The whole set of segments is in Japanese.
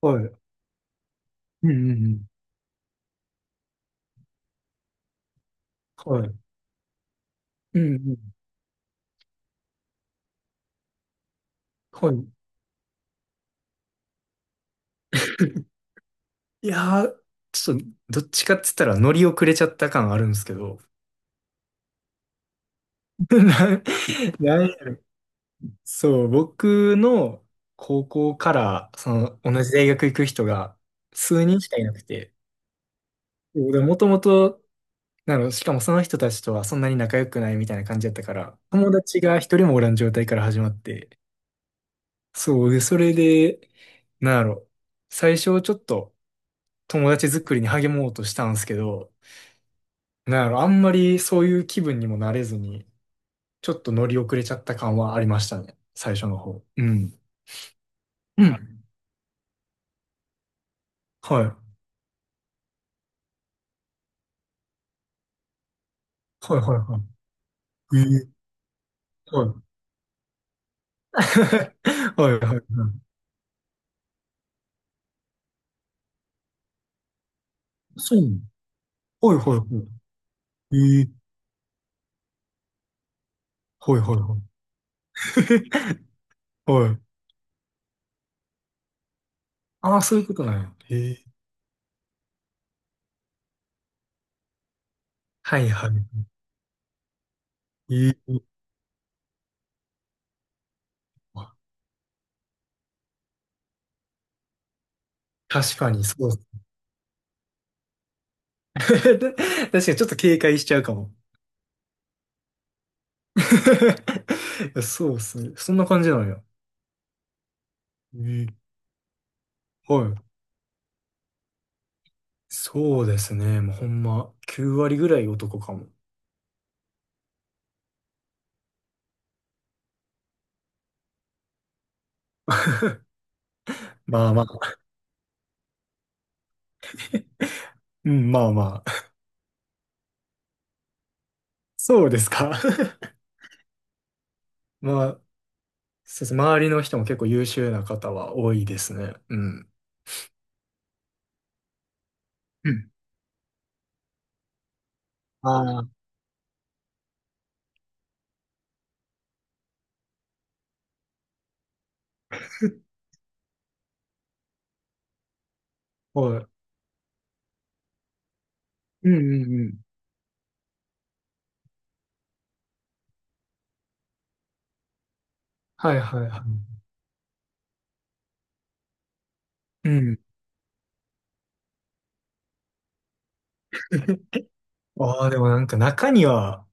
はい。うんうんうん。はい。うんうん。はい。い やー、ちょっと、どっちかって言ったら乗り遅れちゃった感あるんですけど。ななそう、僕の高校から、その、同じ大学行く人が数人しかいなくて、もともと、しかもその人たちとはそんなに仲良くないみたいな感じだったから、友達が一人もおらん状態から始まって、そう、で、それで、なんやろ、最初ちょっと、友達作りに励もうとしたんですけど、なんやろ、あんまりそういう気分にもなれずに、ちょっと乗り遅れちゃった感はありましたね。最初の方。うん。うん。はいはいはいはい。ええはい。はいはいはい。そうなの。はいはいはい。ええはいはいはい。はい。ああ、そういうことなんや。ええはいはい。ええ確かに、そうっす。確かにちょっと警戒しちゃうかも。いやそうっすね。そんな感じなんや。えはい。そうですね。もうほんま、9割ぐらい男かも。まあまあ。うん、まあまあ。そうですか。まあ、そうです。周りの人も結構優秀な方は多いですね。うん。うん。ああ、はい。うんうんうん。はいはいはい。うん。ああ、でもなんか中には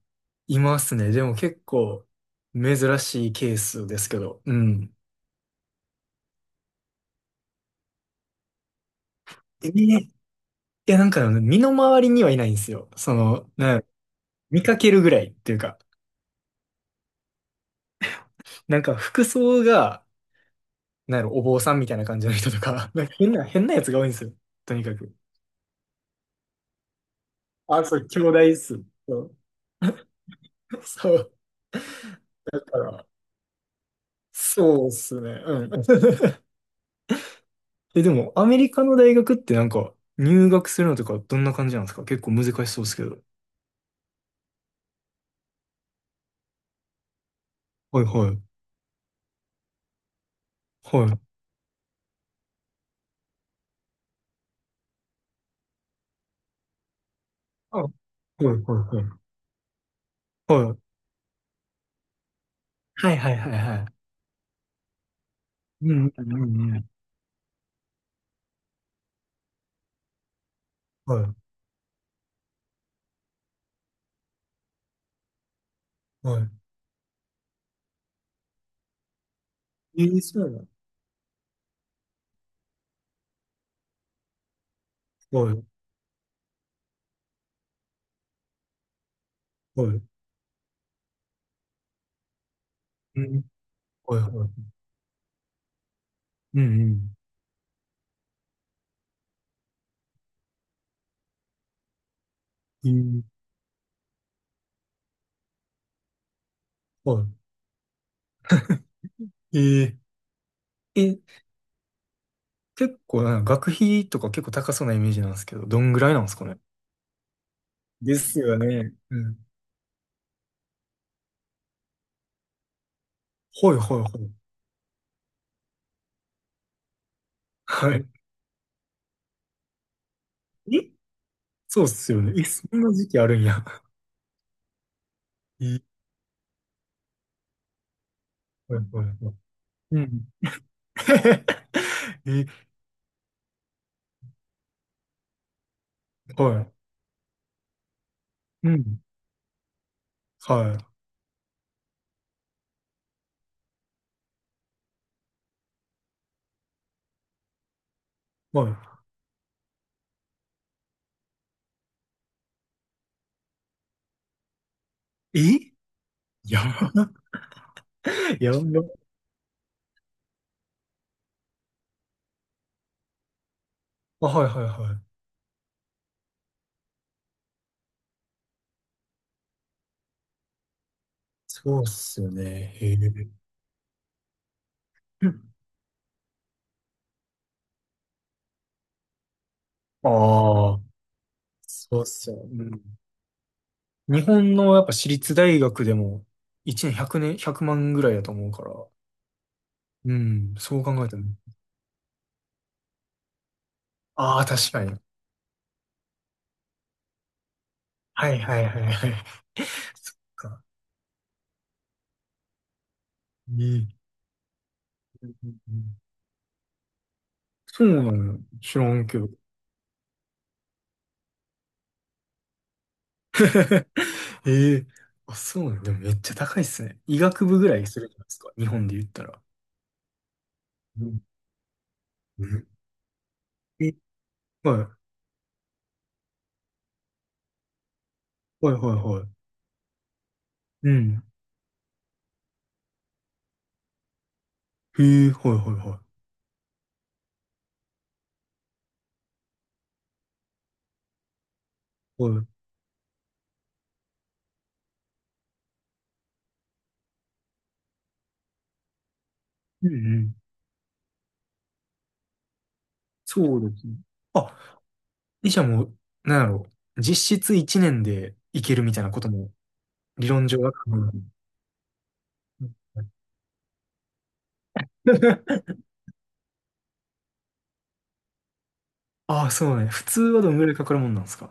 いますね。でも結構珍しいケースですけど。うん。えーいや、なんかあの身の回りにはいないんですよ。その、なんやろ見かけるぐらいっていうか。なんか服装が、なんやろ、お坊さんみたいな感じの人とか、なんか変なやつが多いんですよ。とにかく。あ、そう、兄弟っす。そう。そう、だから、そうっすね。うん。え、でも、アメリカの大学ってなんか、入学するのとかどんな感じなんですか？結構難しそうですけど。はいはい。はい。あ、はいはいはい。はい。はいはいはいはい。うんうんうんうん。はい。はい。えー、そうなの。はい。はい。うん。はいはい。うんうん。えー、はい。えー、え、結構なんか学費とか結構高そうなイメージなんですけど、どんぐらいなんですかね？ですよね。うん。はいはいはい。はい。えそうっすよね。え、そんな時期あるんや。え、はいはいはい。うん。え、はい。うん。はい。はい。えやば。やば。あ、はいはいはい。そうっすよね。へえ。ああ、そうっすよ。うん、日本のやっぱ私立大学でも1年1年、100万ぐらいだと思うから。うん、そう考えたらね。ああ、確かに。はいはいはいはい。そっか。ええうんうんうん。そうなのよ。知らんけど。ええあ、そうなの。でもめっちゃ高いっすね。医学部ぐらいするじゃないですか。日本で言ったら。うん。うんえ、はい。はいはいはい。うん。へえ、はいはいはい。はい。うんうん。そうですね。あ、医者も、なんやろう。実質1年でいけるみたいなことも理論上は可能なの。うん。ああ、そうね。普通はどんぐらいかかるもんなんですか？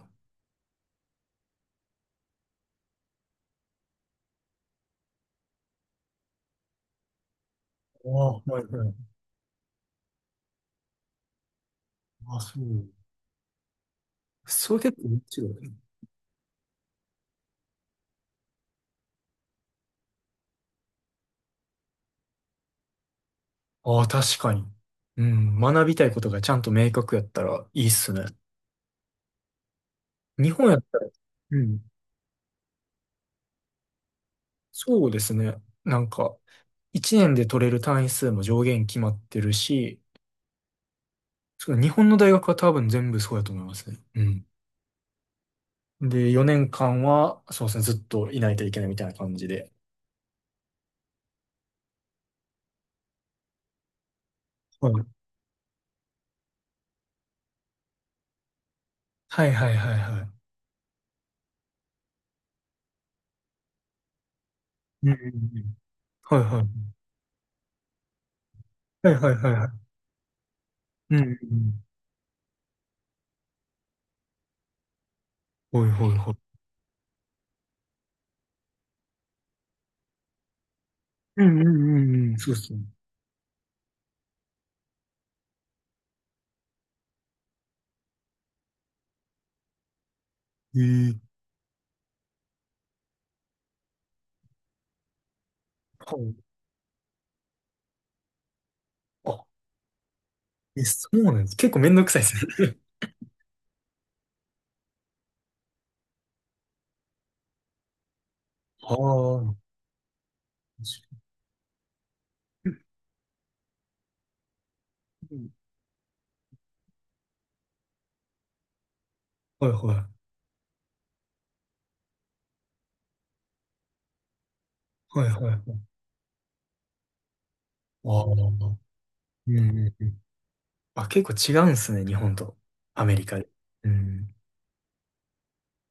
ああ、はいはい。あ、そう。それ結構違うね。ああ、確かに。うん、学びたいことがちゃんと明確やったらいいっすね。日本やったら、うん、そうですね。なんか、1年で取れる単位数も上限決まってるし、そう日本の大学は多分全部そうやと思いますね。うん。で、4年間は、そうですね、ずっといないといけないみたいな感じで。はい。はいはいはいはい。うんうんうん。はいはい。はいはいはいはい。うん。うんうんはいはいはい。うんうんうんうん。そうですね。ええはい。あ、え、そうなんです。結構めんどくさいですね。ああ。うんはいはい。はいはいはい。ああ。うんうんうん。あ、結構違うんですね、日本とアメリカで。うん